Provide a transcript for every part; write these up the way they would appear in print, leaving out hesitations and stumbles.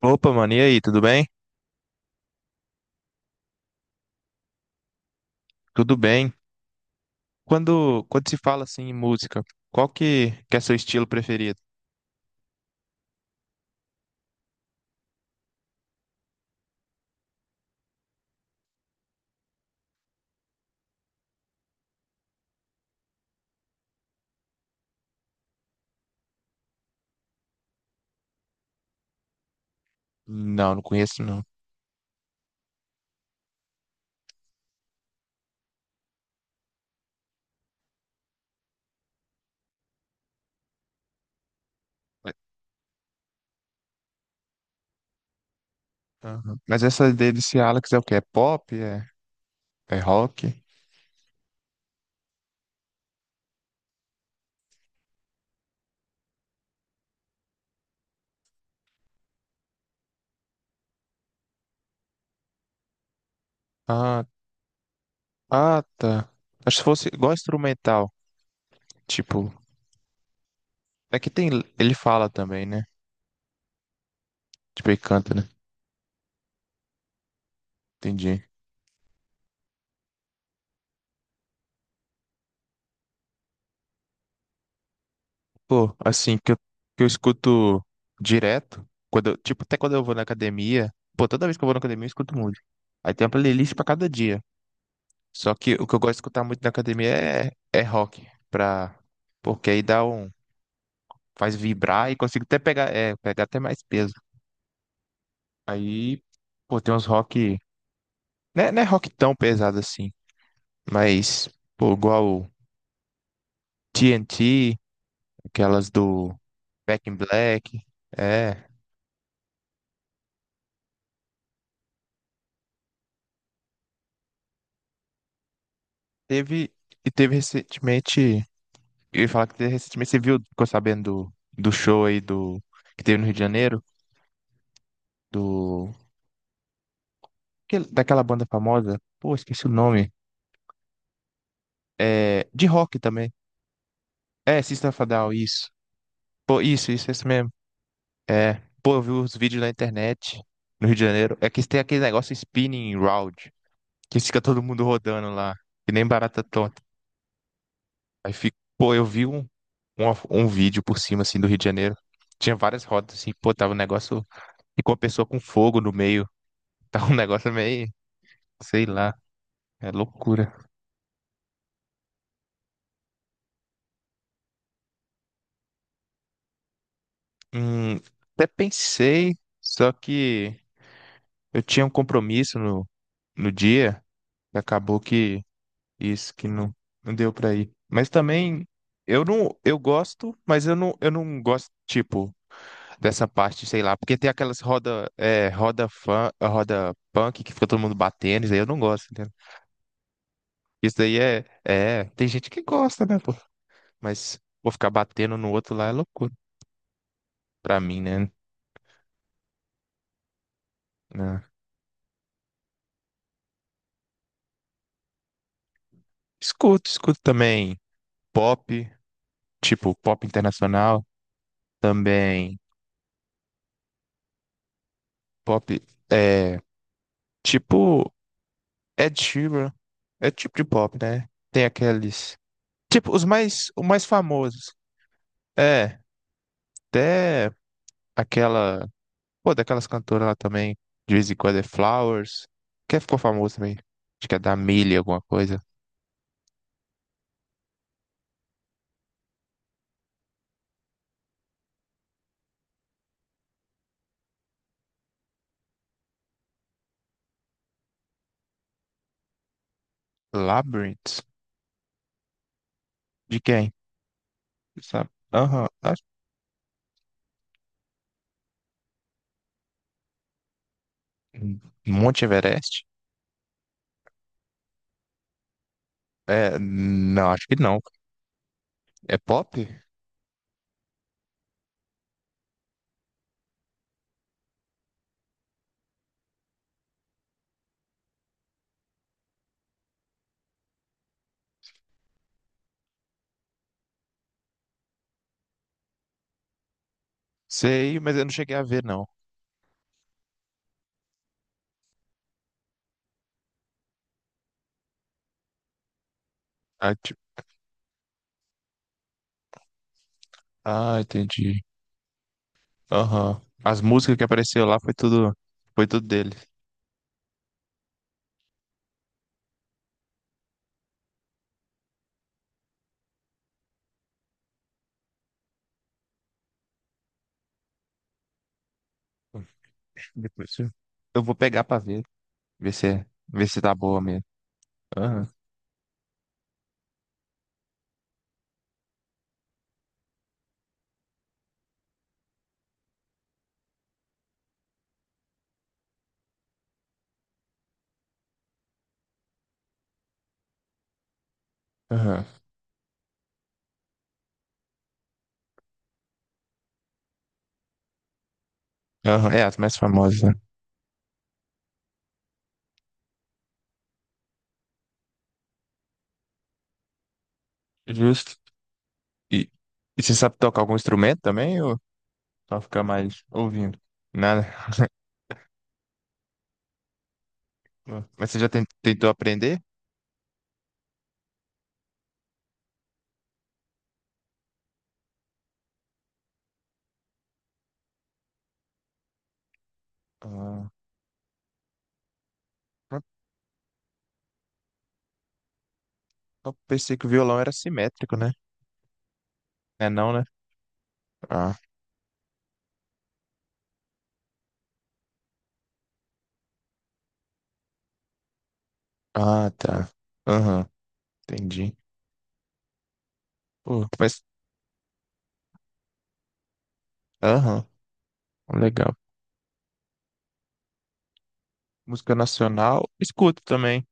Opa, mano, e aí, tudo bem? Tudo bem. Quando se fala assim em música, qual que é seu estilo preferido? Não, não conheço não. É. Aham. Mas essa dele desse Alex é o quê? É pop? É, é rock? Ah, ah, tá. Acho que fosse igual instrumental, tipo, é que tem, ele fala também, né? Tipo, ele canta, né? Entendi. Pô, assim, que eu escuto direto, quando eu- tipo, até quando eu vou na academia, pô, toda vez que eu vou na academia eu escuto música. Aí tem uma playlist pra cada dia. Só que o que eu gosto de escutar muito na academia é rock, pra, porque aí dá um, faz vibrar e consigo até pegar, é, pegar até mais peso. Aí, pô, tem uns rock, né, não é rock tão pesado assim, mas, pô, igual o TNT, aquelas do Back in Black, é, teve, e teve recentemente, eu ia falar que teve recentemente, você viu, ficou sabendo do show aí do, que teve no Rio de Janeiro, do, aquele- daquela banda famosa, pô, esqueci o nome. É, de rock também. É, System of a Down, isso. Pô, isso mesmo. É. Pô, eu vi os vídeos na internet, no Rio de Janeiro. É que tem aquele negócio spinning round, que fica todo mundo rodando lá, que nem barata tonta. Aí fica, pô, eu vi um, um vídeo por cima, assim, do Rio de Janeiro. Tinha várias rodas, assim, pô, tava um negócio, e com a pessoa com fogo no meio. Tava um negócio meio, sei lá, é loucura. Hum, até pensei, só que eu tinha um compromisso no dia. E acabou que isso que não, não deu pra ir. Mas também eu gosto, mas eu não gosto tipo dessa parte, sei lá, porque tem aquelas roda é, roda fã, roda punk que fica todo mundo batendo, isso aí eu não gosto, entendeu? Isso daí é, tem gente que gosta, né, pô? Mas vou ficar batendo no outro lá é loucura pra mim, né? Né? Escuto, escuto também pop, tipo pop internacional, também pop é, tipo Ed Sheeran é tipo de pop, né? Tem aqueles. Tipo, os mais famosos. É, até aquela. Pô, daquelas cantoras lá também. De vez em quando é Flowers. Quem ficou famoso também? Acho que é da Millie, alguma coisa. Labyrinth? De quem? Sabe? Aham. Acho- Monte Everest? É, não, acho que não. É pop? Sei, mas eu não cheguei a ver, não. Ah, tipo- ah, entendi. Aham. As músicas que apareceu lá foi tudo dele. Depois eu vou pegar pra ver, ver se, é- ver se tá boa mesmo. Aham, aham, aham. É, as mais famosas, né? Justo. E, e você sabe tocar algum instrumento também ou só ficar mais ouvindo? Nada. Mas você já ten- tentou aprender? Ah. Eu pensei que o violão era simétrico, né? É não, né? Ah, ah, tá. Aham, entendi. Pô, mas, aham, legal. Música nacional, escuto também.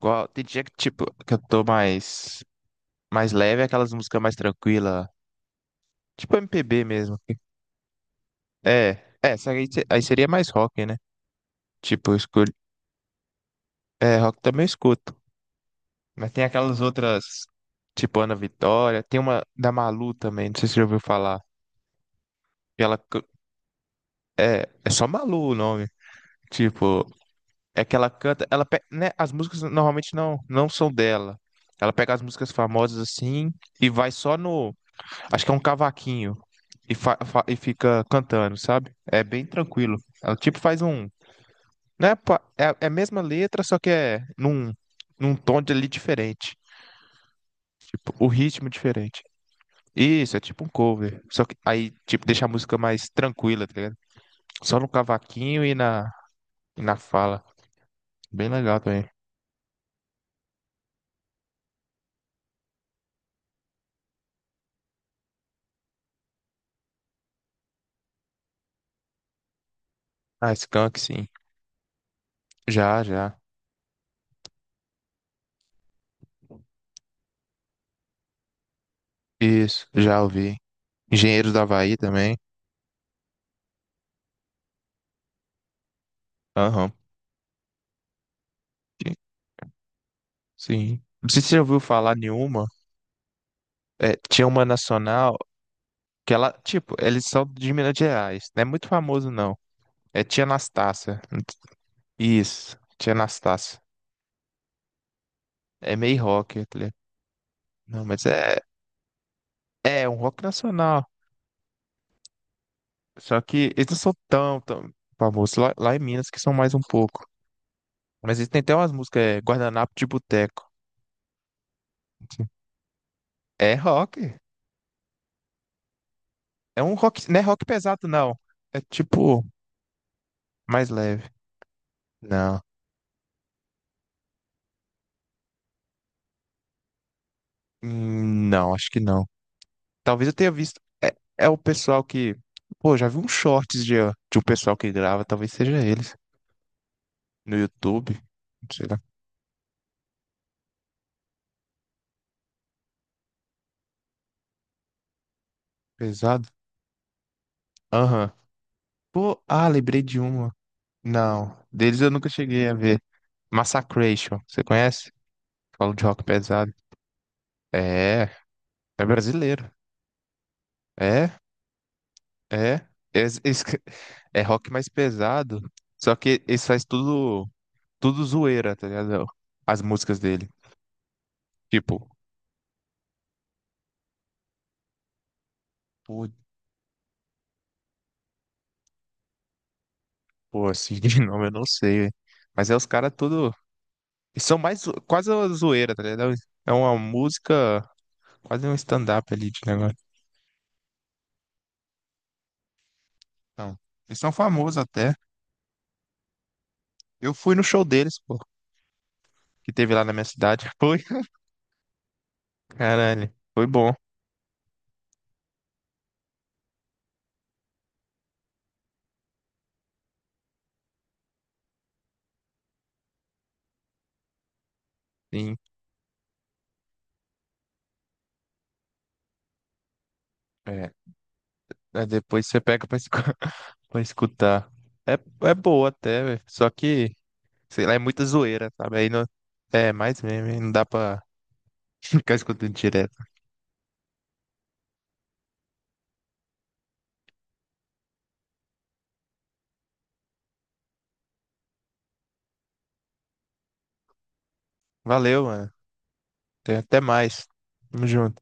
Igual, tem dia que, tipo, que eu tô mais, mais leve, é aquelas músicas mais tranquilas, tipo MPB mesmo. É, é, só que aí, se- aí seria mais rock, né? Tipo, eu escolho, é, rock também eu escuto. Mas tem aquelas outras, tipo Ana Vitória, tem uma da Malu também, não sei se você já ouviu falar. Que ela, c- é, é só Malu o nome. Tipo, é que ela canta, ela pe- né, as músicas normalmente não são dela. Ela pega as músicas famosas assim e vai só no, acho que é um cavaquinho e, fa- fa- e fica cantando, sabe? É bem tranquilo. Ela tipo faz um, né, pa- é, é a mesma letra, só que é num num tom de ali diferente, tipo, o ritmo é diferente. Isso, é tipo um cover. Só que aí tipo deixa a música mais tranquila, tá ligado? Só no cavaquinho e na fala. Bem legal também. Ah, Skank, sim. Já, já. Isso, já ouvi. Engenheiros do Havaí também. Aham. Sim. Não sei se você já ouviu falar nenhuma. É, tinha uma nacional que ela, tipo, eles são de Minas Gerais. Não é muito famoso, não. É Tia Anastácia. Isso, Tia Anastácia. É meio rock, tá ligado? Não, mas é, é um rock nacional. Só que eles não são tão famosos lá em Minas, que são mais um pouco. Mas eles têm até umas músicas, é, Guardanapo de Boteco. É rock. É um rock, não é rock pesado, não. É tipo, mais leve. Não. Não, acho que não. Talvez eu tenha visto. É, é o pessoal que. Pô, já vi uns shorts de um pessoal que grava, talvez seja eles. No YouTube. Sei lá. Pesado. Aham. Pô, ah, lembrei de uma. Não. Deles eu nunca cheguei a ver. Massacration. Você conhece? Falo de rock pesado. É, é brasileiro. É. É, é, es- é rock mais pesado, só que eles faz tudo, tudo zoeira, tá ligado? As músicas dele. Tipo, pô, pô, assim, de nome eu não sei, velho. Mas é os caras tudo. Eles são mais zo- quase uma zoeira, tá ligado? É uma música, quase um stand-up ali de negócio. Então, eles são famosos até. Eu fui no show deles, pô, que teve lá na minha cidade. Foi, caralho, foi bom. Sim. É. Aí depois você pega pra, escu- pra escutar. É, é boa até, velho. Só que, sei lá, é muita zoeira, sabe? Aí não, é mais meme, aí não dá pra ficar escutando direto. Valeu, mano. Até até mais. Tamo junto.